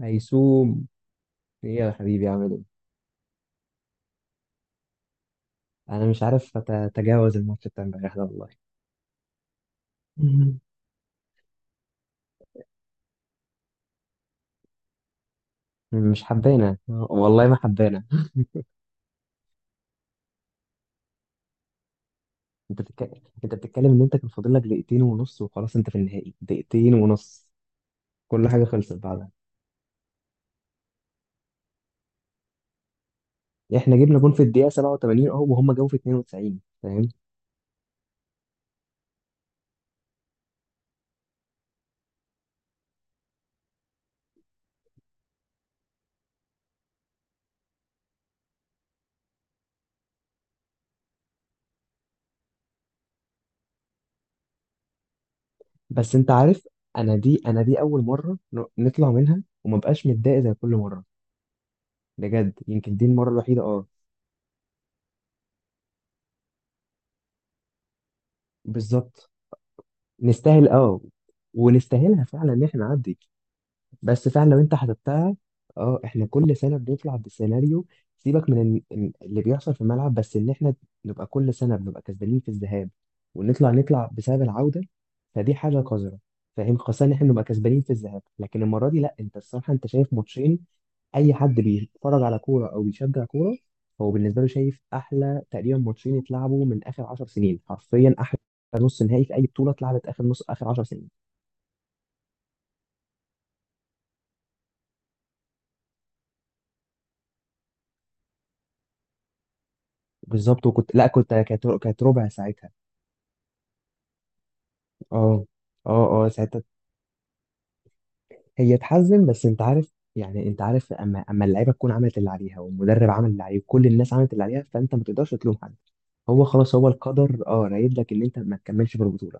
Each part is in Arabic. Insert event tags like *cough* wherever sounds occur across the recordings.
هيسوم، ايه يا حبيبي عامل ايه؟ انا مش عارف اتجاوز الماتش بتاع امبارح ده والله. مم. مش حبانا والله، ما حبانا. انت بتك... انت بتتكلم ان انت كان فاضل لك دقيقتين ونص وخلاص، انت في النهائي دقيقتين ونص، كل حاجه خلصت بعدها. احنا جبنا جون في الدقيقه 87 اهو، وهم جابوا في 92، فاهم؟ بس انت عارف، انا دي اول مره نطلع منها وما بقاش متضايق زي كل مره. بجد يمكن دي المره الوحيده، اه. بالظبط، نستاهل اه، ونستاهلها فعلا ان احنا نعدي. بس فعلا لو انت حسبتها، اه احنا كل سنه بنطلع بسيناريو. سيبك من اللي بيحصل في الملعب، بس ان احنا نبقى كل سنه بنبقى كسبانين في الذهاب، ونطلع نطلع بسبب العوده. فدي حاجه قذره. فاهم؟ خاصه ان احنا نبقى كسبانين في الذهاب، لكن المره دي لا. انت الصراحه انت شايف ماتشين، اي حد بيتفرج على كوره او بيشجع كوره، هو بالنسبه له شايف احلى تقريبا ماتشين اتلعبوا من اخر 10 سنين، حرفيا احلى نص نهائي في اي بطوله اتلعبت اخر 10 سنين. بالظبط، وكنت لا كنت كانت كانت ربع ساعتها. اه، اه. اه ساعتها هي تحزن، بس انت عارف يعني، انت عارف اما اللعيبه تكون عملت اللي عليها، والمدرب عمل اللي عليه، وكل الناس عملت اللي عليها، فانت ما تقدرش تلوم حد. هو خلاص هو القدر اه رايد لك ان انت ما تكملش في البطوله.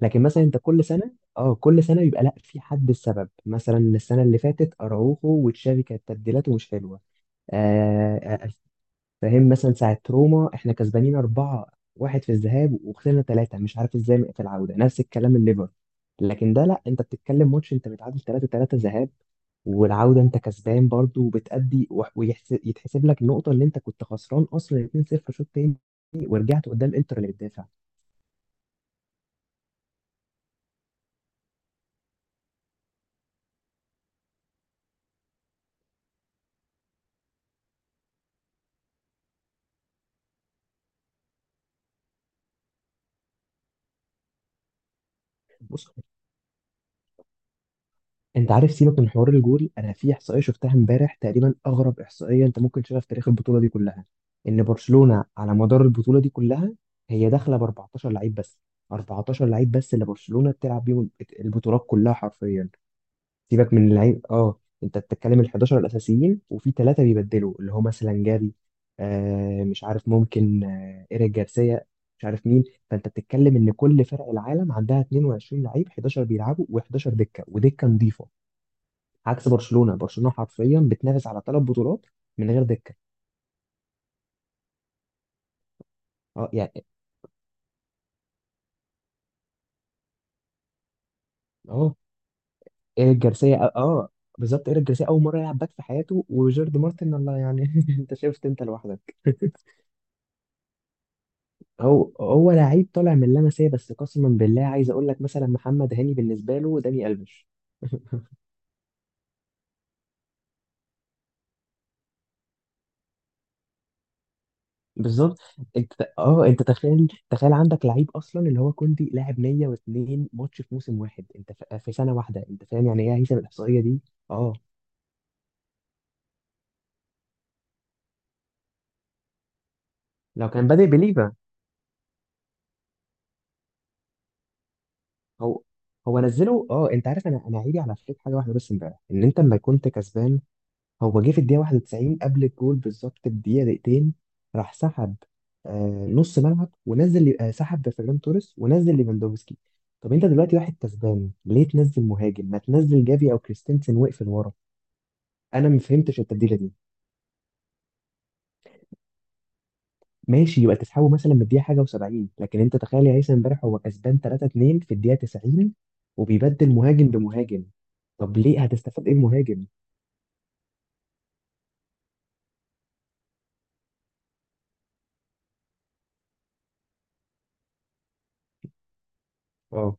لكن مثلا انت كل سنه، اه كل سنه بيبقى لا، في حد السبب. مثلا السنه اللي فاتت اراوخو وتشافي كانت تبديلاته مش حلوه. آه، آه، فاهم؟ مثلا ساعة روما احنا كسبانين 4-1 في الذهاب، وخسرنا ثلاثة مش عارف ازاي في العودة. نفس الكلام الليفر، لكن ده لا، انت بتتكلم ماتش انت متعادل 3-3 ذهاب، والعودة انت كسبان برضو وبتأدي، ويتحسب لك النقطة اللي انت كنت خسران اصلا 2-0 شوط تاني، ورجعت قدام انتر اللي بتدافع. بص انت عارف، سيبك من حوار الجول، انا في احصائيه شفتها امبارح تقريبا اغرب احصائيه انت ممكن تشوفها في تاريخ البطوله دي كلها. ان برشلونه على مدار البطوله دي كلها هي داخله ب 14 لعيب بس. 14 لعيب بس اللي برشلونه بتلعب بيهم البطولات كلها حرفيا. سيبك من اللعيب، اه انت بتتكلم ال 11 الاساسيين وفي ثلاثه بيبدلوا اللي هما سلنجاري، مش عارف ممكن، ايريك جارسيا، مش عارف مين. فانت بتتكلم ان كل فرق العالم عندها 22 لعيب، 11 بيلعبوا و11 دكه ودكه نظيفه. عكس برشلونه، برشلونه حرفيا بتنافس على ثلاث بطولات من غير دكه. اه يعني. اه ايريك جارسيا، بالظبط. ايريك جارسيا اول مره يلعب باك في حياته، وجيرد مارتن الله يعني. *laughs* انت شفت انت لوحدك. *laughs* هو لعيب طالع من لاماسيا، بس قسما بالله عايز اقول لك، مثلا محمد هاني بالنسبه له داني الفيش. *laughs* بالظبط. انت، اه انت تخيل، عندك لعيب اصلا اللي هو كوندي لاعب 102 ماتش في موسم واحد، انت في سنه واحده. انت فاهم يعني ايه هيثم الاحصائيه دي؟ اه لو كان بادئ بليفا. هو، نزله. اه انت عارف، انا عيبي على فليك حاجه واحده بس امبارح، ان انت لما كنت كسبان هو جه في الدقيقه 91 قبل الجول بالظبط بدقيقه دقيقتين، راح سحب نص ملعب، ونزل، سحب فيران توريس ونزل ليفاندوفسكي. طب انت دلوقتي واحد كسبان ليه تنزل مهاجم؟ ما تنزل جافي او كريستنسن واقفل ورا. انا ما فهمتش التبديله دي. ماشي يبقى تسحبه مثلا من الدقيقه حاجه و70، لكن انت تخيل يا هيثم امبارح هو كسبان 3-2 في الدقيقه 90 وبيبدل مهاجم بمهاجم. طب ليه؟ هتستفاد ايه المهاجم؟ اه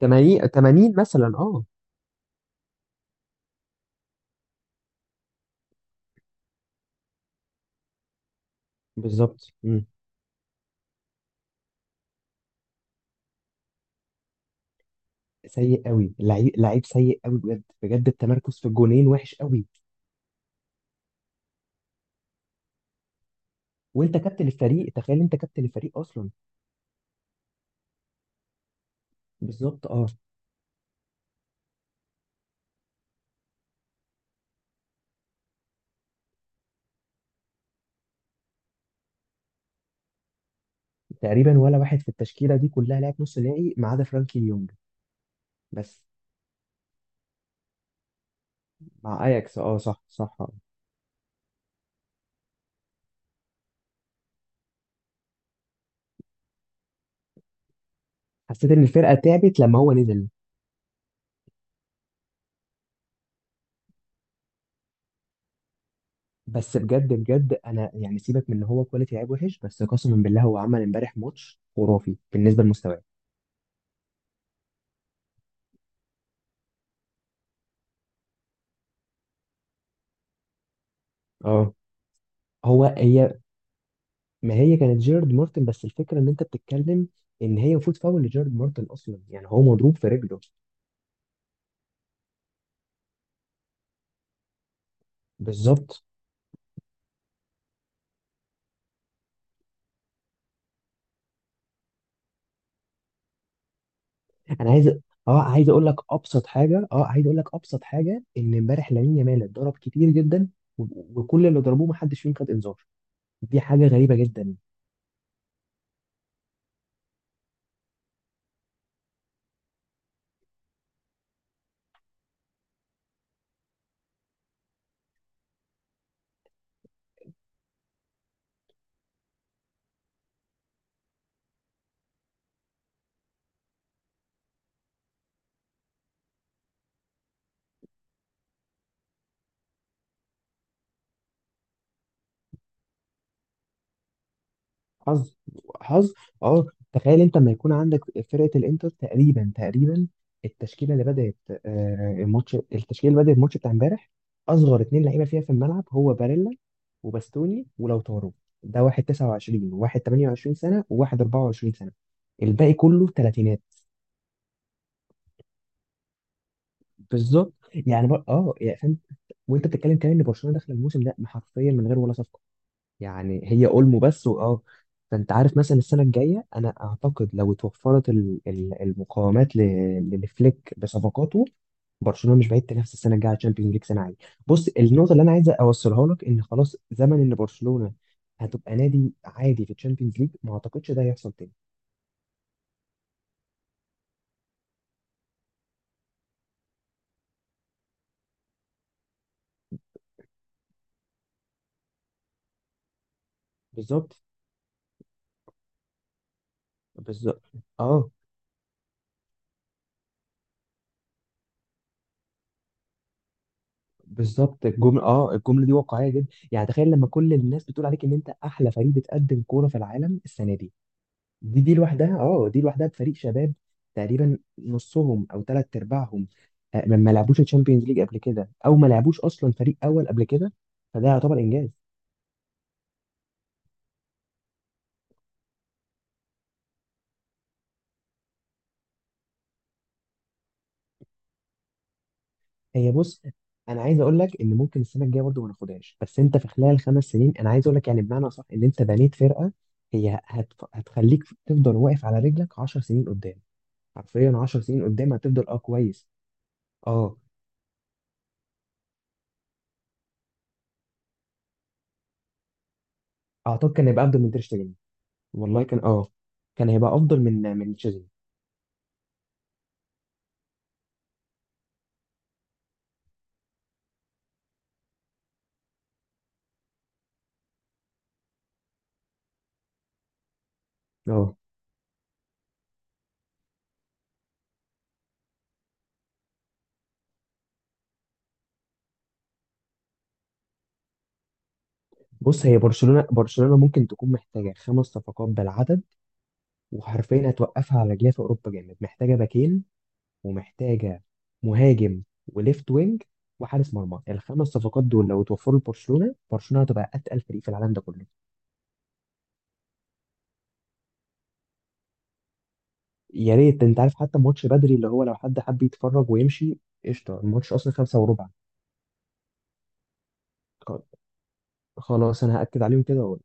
80، 80 مثلا، اه. بالظبط. مم. سيء قوي، لعيب لعيب سيء قوي بجد بجد، التمركز في الجونين وحش قوي. وانت كابتن الفريق، تخيل انت كابتن الفريق اصلا. بالظبط، اه. تقريبا ولا واحد في التشكيله دي كلها لعب نص نهائي ما عدا فرانكي ليونج. بس مع اياكس، اه صح صح. آه. حسيت ان الفرقه تعبت لما هو نزل. بس بجد بجد انا يعني، سيبك من ان هو كواليتي لعيب وحش، بس قسما بالله هو عمل امبارح ماتش خرافي بالنسبه لمستواه. اه. هي، ما هي كانت جيرارد مارتن. بس الفكره ان انت بتتكلم ان هي المفروض فاول لجيرارد مارتن اصلا، يعني هو مضروب في رجله. بالظبط. انا عايز، اه عايز اقول لك ابسط حاجه اه عايز اقول لك ابسط حاجه، ان امبارح لامين يامال اتضرب كتير جدا، و- وكل اللي ضربوه ما حدش فيهم خد انذار. دي حاجه غريبه جدا. حظ، حظ، اه. تخيل انت لما يكون عندك فرقه الانتر، تقريبا تقريبا التشكيله اللي بدات، آه، الماتش التشكيله اللي بدات الماتش بتاع امبارح، اصغر اتنين لعيبه فيها في الملعب هو باريلا وباستوني ولوتارو. ده واحد 29 وواحد 28 سنه وواحد 24 سنه، الباقي كله تلاتينات. بالظبط يعني، بر... اه يعني فاهم. وانت بتتكلم كمان ان برشلونه داخله الموسم ده حرفيا من غير ولا صفقه، يعني هي اولمو بس واه. فانت عارف مثلا السنه الجايه انا اعتقد لو اتوفرت المقاومات لفليك بصفقاته، برشلونه مش بعيد تنافس السنه الجايه على الشامبيونز ليج سنه عاليه. بص النقطه اللي انا عايز اوصلها لك، ان خلاص زمن ان برشلونه هتبقى نادي عادي في الشامبيونز ليج، ما اعتقدش ده هيحصل تاني. بالظبط، بالظبط، اه. بالظبط، الجمله دي واقعيه جدا. يعني تخيل لما كل الناس بتقول عليك ان انت احلى فريق بتقدم كوره في العالم السنه دي. دي لوحدها، اه دي لوحدها بفريق شباب تقريبا نصهم او ثلاث ارباعهم، ما لعبوش الشامبيونز ليج قبل كده، او ما لعبوش اصلا فريق اول قبل كده. فده يعتبر انجاز. هي بص، انا عايز اقول لك ان ممكن السنه الجايه برضه ما ناخدهاش، بس انت في خلال 5 سنين انا عايز اقول لك يعني بمعنى صح، ان انت بنيت فرقه هتخليك تفضل واقف على رجلك 10 سنين قدام. حرفيا 10 سنين قدام هتفضل، اه كويس. اه اعتقد كان هيبقى افضل من تير شتيجن. والله كان اه، كان هيبقى افضل من تشيزني. اه بص، هي برشلونة، برشلونة ممكن تكون محتاجة 5 صفقات بالعدد، وحرفيا هتوقفها على رجليها في أوروبا جامد. محتاجة باكين، ومحتاجة مهاجم وليفت وينج وحارس مرمى. ال 5 صفقات دول لو اتوفروا لبرشلونة، برشلونة هتبقى أتقل فريق في العالم ده كله. يا ريت. أنت عارف حتى الماتش بدري، اللي هو لو حد حب يتفرج ويمشي. قشطة. الماتش أصلا 5:15. خ- خلاص أنا هأكد عليهم كده وأقول